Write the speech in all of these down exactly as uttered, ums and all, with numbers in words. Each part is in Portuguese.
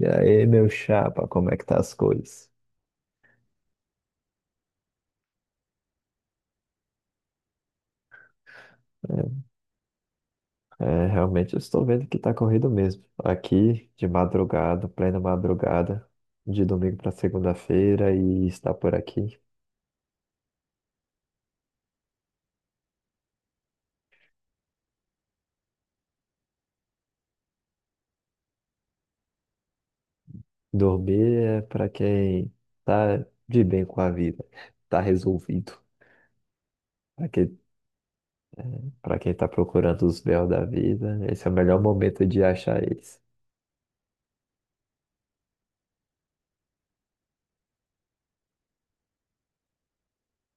E aí, meu chapa, como é que tá as coisas? É, é, realmente eu estou vendo que tá corrido mesmo. Aqui, de madrugada, plena madrugada, de domingo para segunda-feira e está por aqui. Dormir é para quem tá de bem com a vida, tá resolvido. Para quem, para quem tá procurando os véus da vida, esse é o melhor momento de achar eles.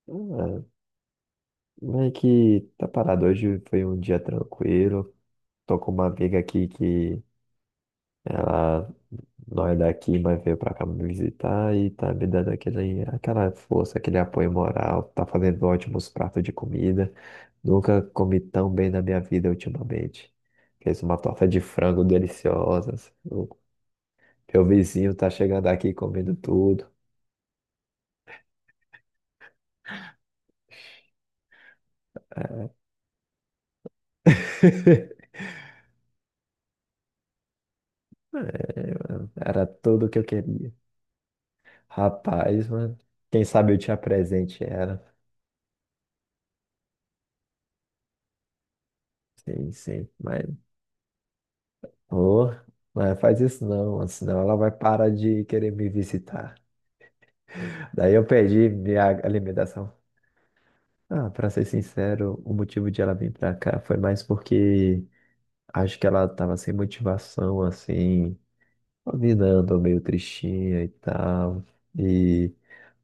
Ah, meio que tá parado. Hoje foi um dia tranquilo. Tô com uma amiga aqui que ela não é daqui, mas veio pra cá me visitar e tá me dando aquele, aquela força, aquele apoio moral, tá fazendo ótimos pratos de comida. Nunca comi tão bem na minha vida ultimamente. Fez uma torta de frango deliciosa assim. O Meu vizinho tá chegando aqui comendo tudo. É. É, mano, era tudo que eu queria. Rapaz, mano, quem sabe eu te apresente era, sim, sim, mas, oh, mas faz isso não, mano, senão ela vai parar de querer me visitar. Daí eu perdi minha alimentação. Ah, pra ser sincero, o motivo de ela vir pra cá foi mais porque acho que ela tava sem motivação, assim, a vida andou meio tristinha e tal, e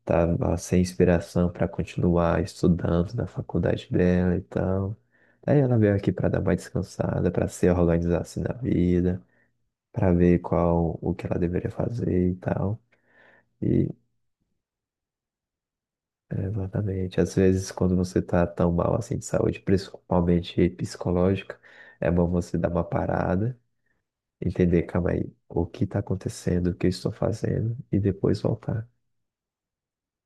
tava sem inspiração pra continuar estudando na faculdade dela e tal. Daí ela veio aqui pra dar uma descansada, pra se organizar assim na vida, pra ver qual o que ela deveria fazer e tal. E, é, exatamente. Às vezes, quando você tá tão mal assim de saúde, principalmente psicológica, é bom você dar uma parada, entender, calma aí, o que tá acontecendo, o que eu estou fazendo, e depois voltar.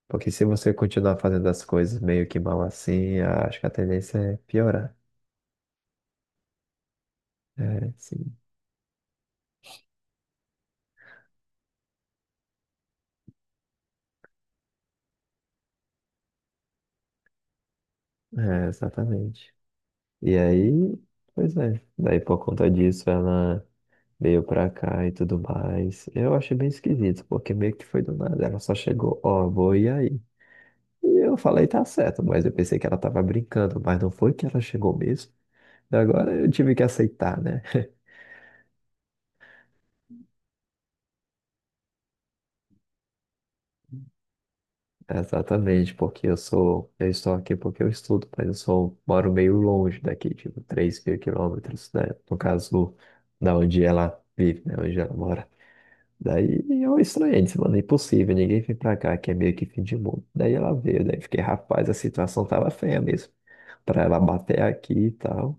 Porque se você continuar fazendo as coisas meio que mal assim, acho que a tendência é piorar. É, sim. É, exatamente. E aí, pois é. Daí, por conta disso, ela veio pra cá e tudo mais. Eu achei bem esquisito, porque meio que foi do nada. Ela só chegou, ó, vou e aí. E eu falei, tá certo, mas eu pensei que ela tava brincando, mas não foi que ela chegou mesmo. E agora eu tive que aceitar, né? Exatamente, porque eu sou, eu estou aqui porque eu estudo, mas eu sou, moro meio longe daqui, tipo, três mil quilômetros, né? No caso, da onde ela vive, né? Onde ela mora. Daí eu estranhei, disse, mano, é impossível, ninguém vem pra cá, que é meio que fim de mundo. Daí ela veio, daí fiquei, rapaz, a situação tava feia mesmo, pra ela bater aqui e tal.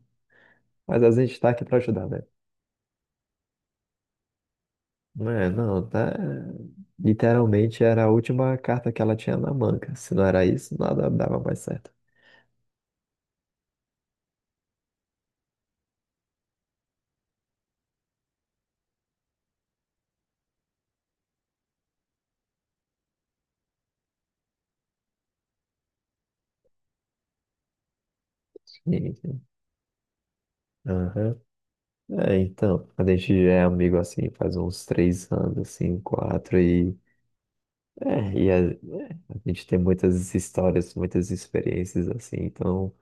Mas a gente tá aqui pra ajudar, né? É, não, tá. Literalmente era a última carta que ela tinha na manga. Se não era isso, nada dava mais certo. Sim, sim. Aham. É, então, a gente já é amigo assim, faz uns três anos, assim, quatro, e, é, e a, é, a gente tem muitas histórias, muitas experiências assim, então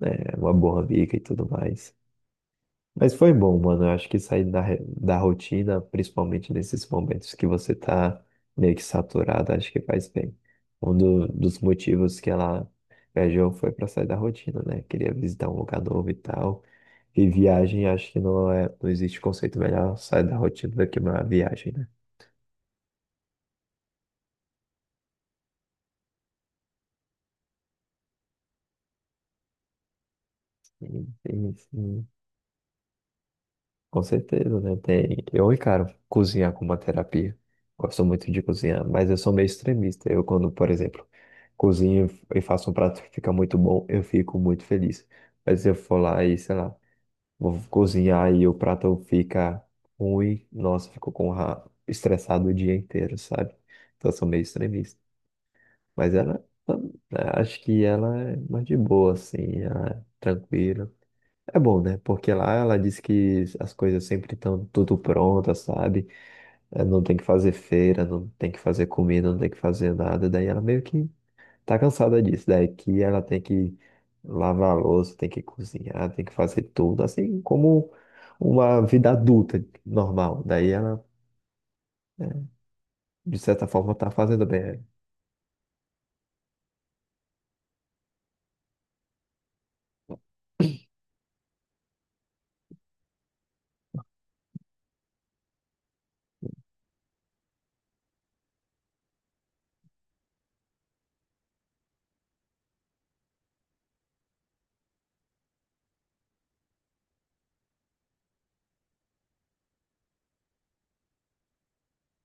é uma boa amiga e tudo mais. Mas foi bom, mano. Eu acho que sair da, re- da rotina, principalmente nesses momentos que você tá meio que saturado, acho que faz bem. Um do- dos motivos que ela viajou foi para sair da rotina, né? Queria visitar um lugar novo e tal. E viagem, acho que não é, não existe conceito melhor sair da rotina do que uma viagem, né? Sim, sim, sim. Com certeza, né? Tem... Eu encaro cozinhar como uma terapia. Gosto muito de cozinhar, mas eu sou meio extremista. Eu, quando, por exemplo, cozinho e faço um prato que fica muito bom, eu fico muito feliz. Mas se eu for lá e, sei lá, vou cozinhar e o prato fica ruim, nossa, fico com ra... estressado o dia inteiro, sabe? Então, eu sou meio extremista. Mas ela, tam- Acho que ela é mais de boa, assim, ela é tranquila. É bom, né? Porque lá ela diz que as coisas sempre estão tudo prontas, sabe? É, Não tem que fazer feira, não tem que fazer comida, não tem que fazer nada. Daí ela meio que tá cansada disso. Daí que ela tem que lavar a louça, tem que cozinhar, tem que fazer tudo, assim como uma vida adulta normal. Daí ela, é, de certa forma, tá fazendo bem.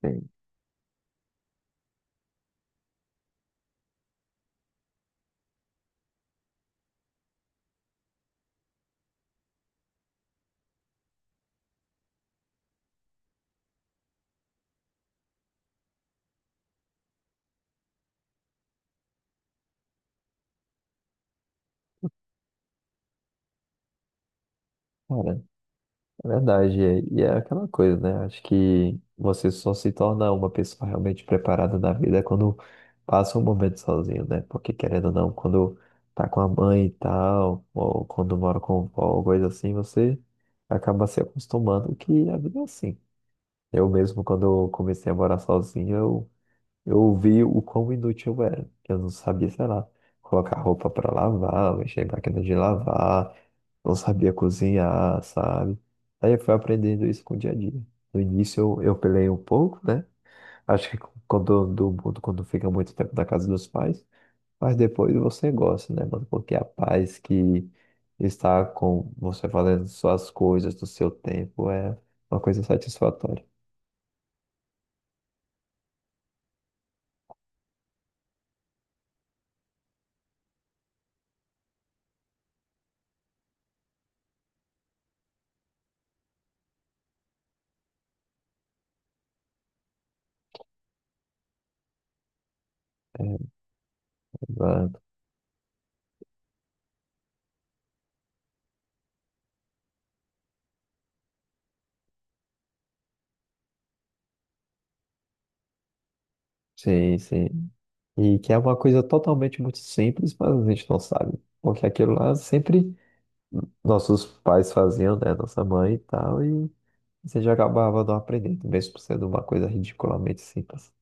Sim, cara. É verdade, é- e é aquela coisa, né? Acho que você só se torna uma pessoa realmente preparada na vida quando passa um momento sozinho, né? Porque querendo ou não, quando tá com a mãe e tal, ou quando mora com o avô, coisa assim, você acaba se acostumando que a vida é assim. Eu mesmo, quando eu comecei a morar sozinho, eu eu vi o quão inútil eu era. Eu não sabia, sei lá, colocar roupa pra lavar, mexer em máquina de lavar, não sabia cozinhar, sabe? Aí eu fui aprendendo isso com o dia a dia. No início eu, eu pelei um pouco, né? Acho que quando do mundo, quando fica muito tempo na casa dos pais, mas depois você gosta, né, mano? Porque a paz que está com você fazendo suas coisas do seu tempo é uma coisa satisfatória. É, mano, sim, sim. E que é uma coisa totalmente muito simples, mas a gente não sabe. Porque aquilo lá sempre nossos pais faziam, né? Nossa mãe e tal, e você já acabava não aprendendo, mesmo sendo uma coisa ridiculamente simples.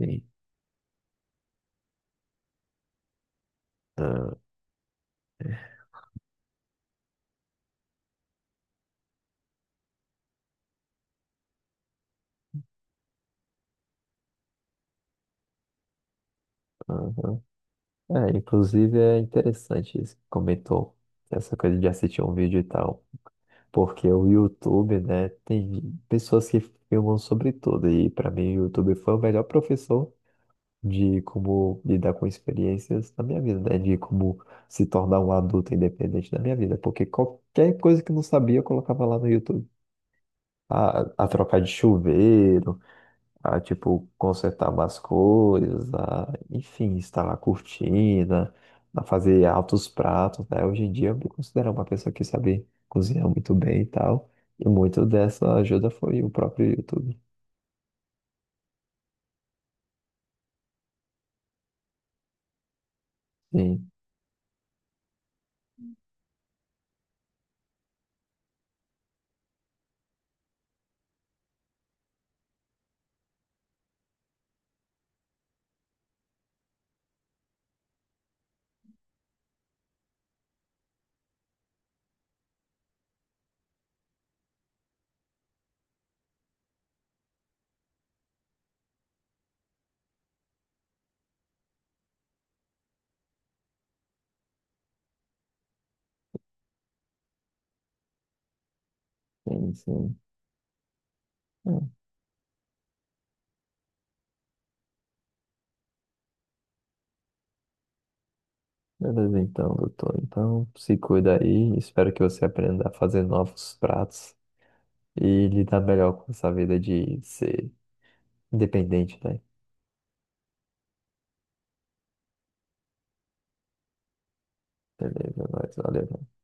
E, ah, aham. É, inclusive é interessante isso que comentou, essa coisa de assistir um vídeo e tal. Porque o YouTube, né, tem pessoas que filmam sobre tudo. E para mim o YouTube foi o melhor professor de como lidar com experiências na minha vida, né? De como se tornar um adulto independente na minha vida. Porque qualquer coisa que eu não sabia, eu colocava lá no YouTube. A, a trocar de chuveiro, a, tipo, consertar umas coisas, a, enfim, instalar cortina, a fazer altos pratos, né? Hoje em dia, eu me considero uma pessoa que sabe cozinhar muito bem e tal. E muito dessa ajuda foi o próprio YouTube. Sim, sim, sim. Beleza, então, doutor. Então, se cuida aí. Espero que você aprenda a fazer novos pratos e lidar melhor com essa vida de ser independente, né? Beleza, nós. Valeu.